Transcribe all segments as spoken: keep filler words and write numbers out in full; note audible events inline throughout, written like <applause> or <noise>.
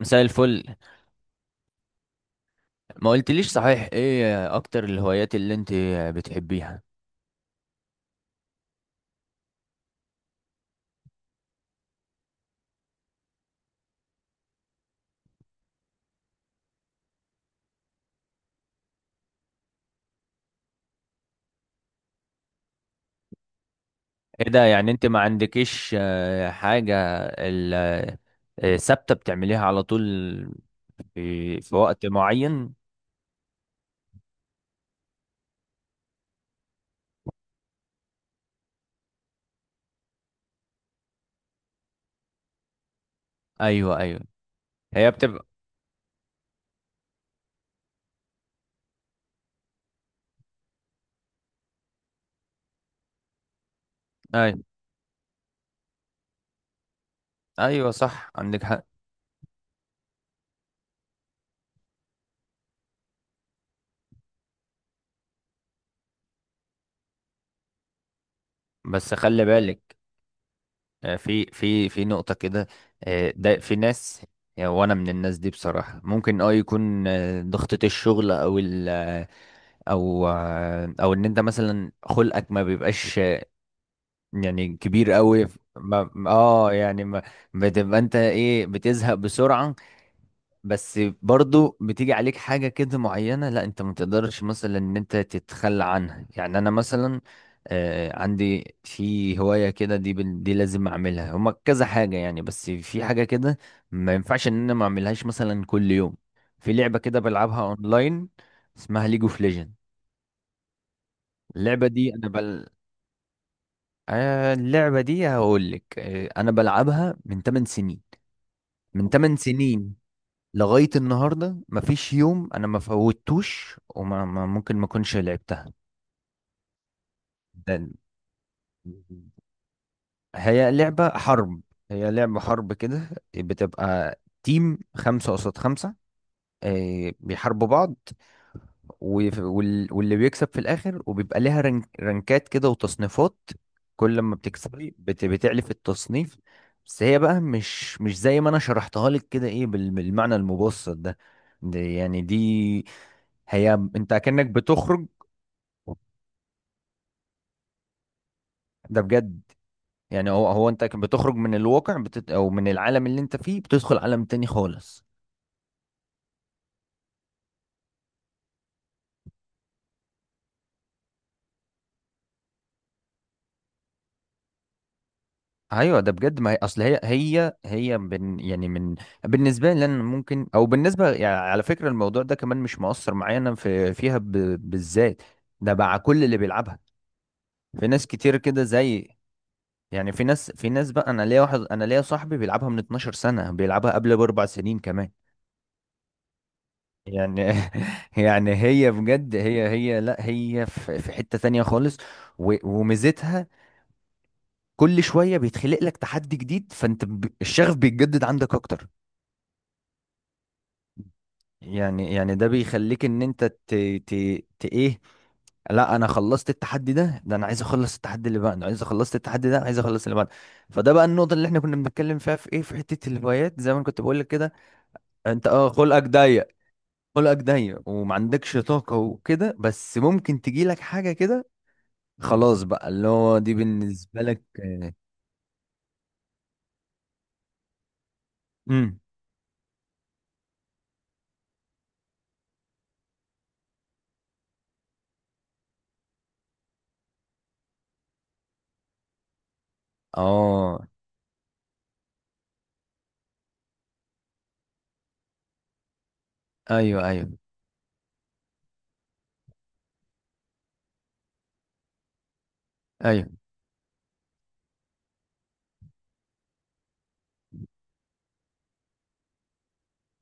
مساء الفل. ما قلتليش صحيح، ايه اكتر الهوايات اللي انت بتحبيها؟ ايه ده، يعني انت ما عندكيش آه، حاجة ال- آه، ثابتة بتعمليها على طول؟ في في وقت معين؟ ايوه، ايوه. هي بتبقى. ايوه، ايوه صح، عندك حق. بس خلي بالك، آه، في في في نقطة كده. آه، ده في ناس، آه، وانا من الناس دي بصراحة. ممكن اه يكون آه، ضغطة الشغل او ال او او ان انت مثلا خلقك ما بيبقاش، يعني كبير قوي. ما اه يعني ما بتبقى انت ايه، بتزهق بسرعة. بس برضو بتيجي عليك حاجة كده معينة، لا انت ما تقدرش مثلا ان انت تتخلى عنها، يعني انا مثلا آه عندي في هواية كده. دي بال- دي لازم اعملها. هما كذا حاجة يعني، بس في حاجة كده ما ينفعش ان انا ما اعملهاش مثلا كل يوم. في لعبة كده بلعبها اونلاين، اسمها ليج اوف ليجند. اللعبة دي أنا بل... آه، اللعبة دي هقول لك، آه، أنا بلعبها من 8 سنين، من 8 سنين لغاية النهاردة مفيش يوم أنا ما فوتوش وما ما- ممكن ما أكونش لعبتها. ده- هي لعبة حرب. هي لعبة حرب كده. بتبقى تيم خمسة قصاد خمسة، آه، بيحاربوا بعض، وف- وال- واللي بيكسب في الاخر، وبيبقى ليها رنك، رنكات كده وتصنيفات. كل ما بتكسبي بت- بتعلي في التصنيف. بس هي بقى مش مش زي ما انا شرحتها لك كده، ايه بال- بالمعنى المبسط ده. دي يعني دي هي انت، كأنك بتخرج. ده بجد. يعني هو هو انت بتخرج من الواقع، بتت... او من العالم اللي انت فيه، بتدخل عالم تاني خالص. ايوه ده بجد. ما هي اصل هي هي هي بن يعني من بالنسبه لي انا ممكن، او بالنسبه، يعني على فكره الموضوع ده كمان مش مؤثر معايا انا في فيها ب... بالذات. ده مع كل اللي بيلعبها. في ناس كتير كده زي، يعني في ناس في ناس بقى انا ليا واحد انا ليا صاحبي بيلعبها من اتناشر سنة سنه، بيلعبها قبل باربع سنين كمان يعني. <laughs> يعني هي بجد، هي هي لا هي في في حته تانية خالص. و... وميزتها: كل شويه بيتخلق لك تحدي جديد، فانت ب... الشغف بيتجدد عندك اكتر، يعني يعني ده بيخليك ان انت ت... ت... ت... ايه؟ لا انا خلصت التحدي ده ده انا عايز اخلص التحدي اللي بعده، عايز اخلص التحدي ده، أنا عايز اخلص اللي بعده. فده بقى النقطه اللي احنا كنا بنتكلم فيها، في ايه، في حته الهوايات، زي ما أنا كنت بقول لك كده. انت اه خلقك ضيق. خلقك ضيق وما عندكش طاقه وكده، بس ممكن تجي لك حاجه كده خلاص بقى، اللي هو دي بالنسبه لك. آه، امم. اه، ايوه، ايوه، ايوه.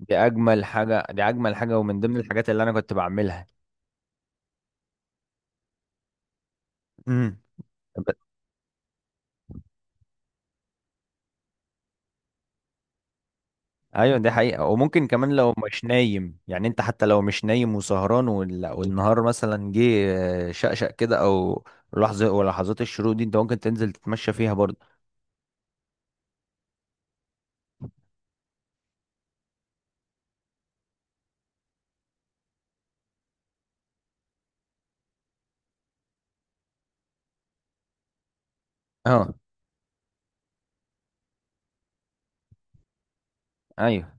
دي اجمل حاجه، دي اجمل حاجه ومن ضمن الحاجات اللي انا كنت بعملها. امم. ايوه دي حقيقة. وممكن كمان لو مش نايم يعني، انت حتى لو مش نايم وسهران وال- والنهار مثلا جه، آه، شقشق كده، او لحظة ولحظات الشروق دي، انت ممكن تنزل تتمشى فيها برضه. اه، ايوه.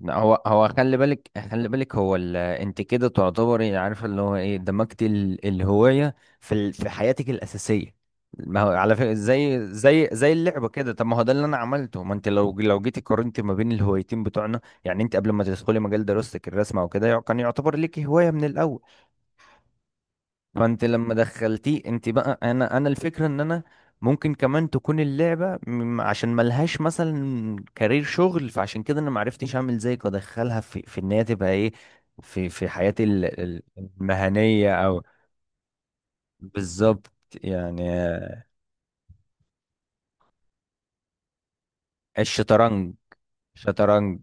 لا، هو هو خلي بالك، خلي بالك، هو ال... انت كده تعتبري عارفه اللي هو ايه، دمجت ال... الهوايه في ال... في حياتك الاساسيه. ما هو على فكره زي زي زي اللعبه كده. طب ما هو ده اللي انا عملته. ما انت لو لو جيتي قارنتي ما بين الهوايتين بتوعنا، يعني انت قبل ما تدخلي مجال دراستك، الرسم او كده يع- كان يعتبر ليكي هوايه من الاول. فانت لما دخلتيه انت بقى، انا انا الفكره ان انا ممكن كمان تكون اللعبه م- عشان ملهاش مثلا كارير شغل، فعشان كده انا معرفتش اعمل زيك وادخلها في في ان هي تبقى ايه، في في حياتي ال- ال- المهنيه او بالظبط. يعني آه، الشطرنج، شطرنج،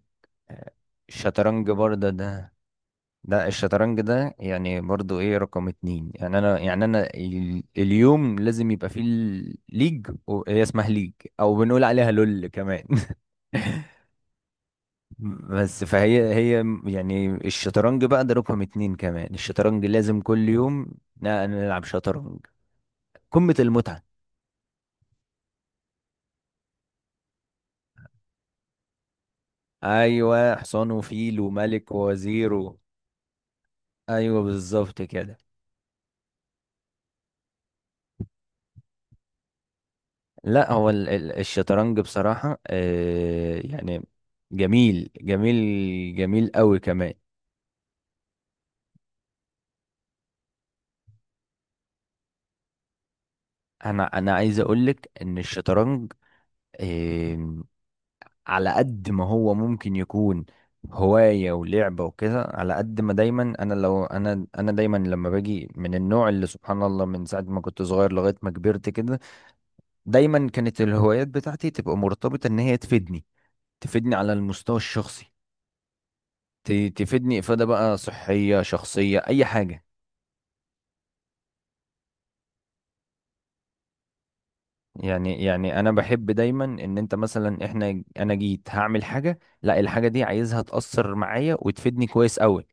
آه، الشطرنج برضه ده. لا الشطرنج ده يعني برضو ايه، رقم اتنين، يعني انا يعني انا ال- اليوم لازم يبقى فيه ال- ليج، و- هي اسمها ليج، او بنقول عليها لول كمان. <laughs> بس فهي هي م- يعني الشطرنج بقى ده رقم اتنين كمان، الشطرنج لازم كل يوم ن- نلعب شطرنج. قمة المتعة. ايوه، حصان وفيل وملك ووزير و... ايوه بالظبط كده. لا هو ال- ال- الشطرنج بصراحة، آه، يعني جميل، جميل، جميل قوي كمان. انا انا عايز اقولك ان الشطرنج، آه، على قد ما هو ممكن يكون هواية ولعبة وكده، على قد ما دايما انا، لو انا انا دايما لما باجي من النوع اللي سبحان الله، من ساعة ما كنت صغير لغاية ما كبرت كده، دايما كانت الهوايات بتاعتي تبقى مرتبطة ان هي تفيدني، تفيدني على المستوى الشخصي. ت- تفيدني افادة بقى صحية، شخصية، اي حاجة، يعني. يعني انا بحب دايما ان انت مثلا، احنا انا جيت هعمل حاجه، لا الحاجه دي عايزها تاثر معايا وتفيدني كويس قوي.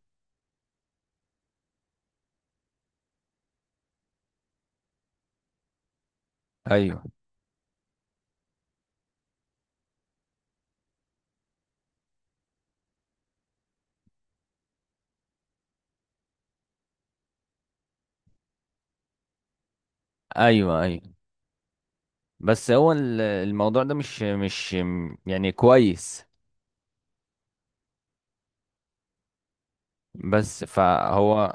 ايوه، ايوه، ايوه. بس هو ال- الموضوع ده مش مش يعني كويس. بس فهو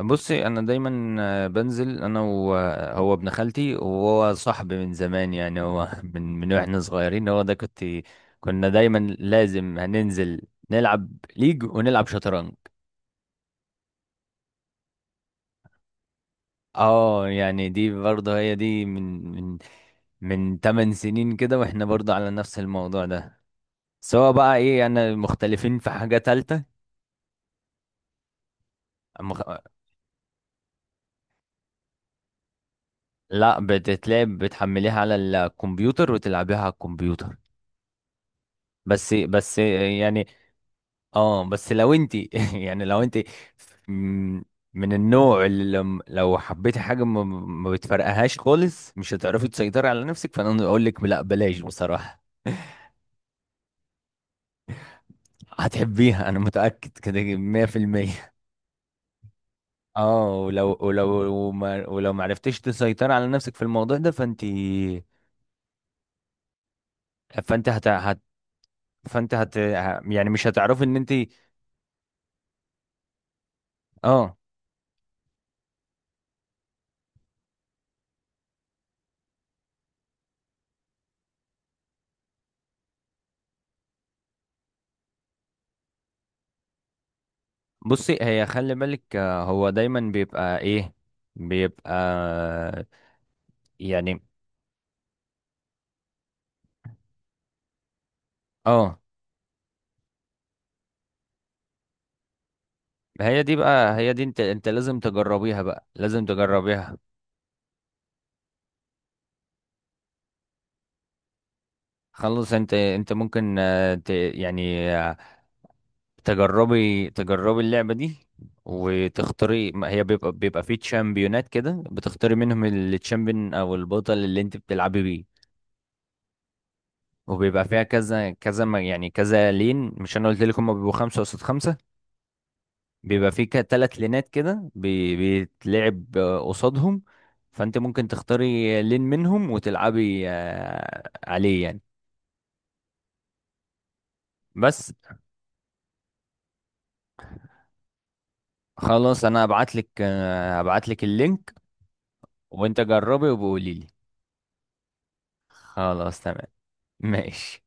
بصي انا دايما، آه، بنزل انا وهو، ابن خالتي وهو صاحبي من زمان، يعني هو <laughs> من من واحنا صغيرين، هو ده كنت، كنا دايما لازم هننزل نلعب ليج ونلعب شطرنج. اه يعني دي برضه هي دي، من من من 8 سنين كده، واحنا برضه على نفس الموضوع ده، سواء بقى ايه. انا مختلفين في حاجة تالتة. مخ... لا، بتتلعب، بتحمليها على الكمبيوتر وتلعبيها على الكمبيوتر. بس بس يعني اه، بس لو انت <laughs> يعني لو انت م- من النوع اللي لم- لو حبيتي حاجة ما ما بتفرقهاش خالص، مش هتعرفي تسيطري على نفسك، فانا اقول لك لا بلاش بصراحة. هتحبيها انا متأكد كده، مية في المية. اه، ولو ولو وما ولو ما عرفتيش تسيطري على نفسك في الموضوع ده، فانت، فانت هت... هت... فانت هت... ه- يعني مش هتعرفي ان انت. اه بصي، هي خلي بالك، آه، هو دايما بيبقى ايه، بيبقى يعني اه. هي دي بقى، هي دي، انت انت لازم تجربيها بقى، لازم تجربيها. خلص انت انت ممكن آه، ت... يعني تجربي، تجربي اللعبة دي، وتختاري. ما هي بيبقى، بيبقى فيه تشامبيونات كده، بتختاري منهم التشامبيون او البطل اللي انت بتلعبي بيه. وبيبقى فيها كذا كذا ما- يعني كذا لين. مش انا قلت لك هم بيبقوا خمسة قصاد خمسة، بيبقى فيه كده تلات لينات كده بي- بيتلعب آه، قصادهم. فانت ممكن تختاري لين منهم وتلعبي آه، عليه يعني. بس خلاص، انا هبعت لك، آه، هبعت لك اللينك، وانت جربي وبقولي لي. خلاص تمام. ماشي.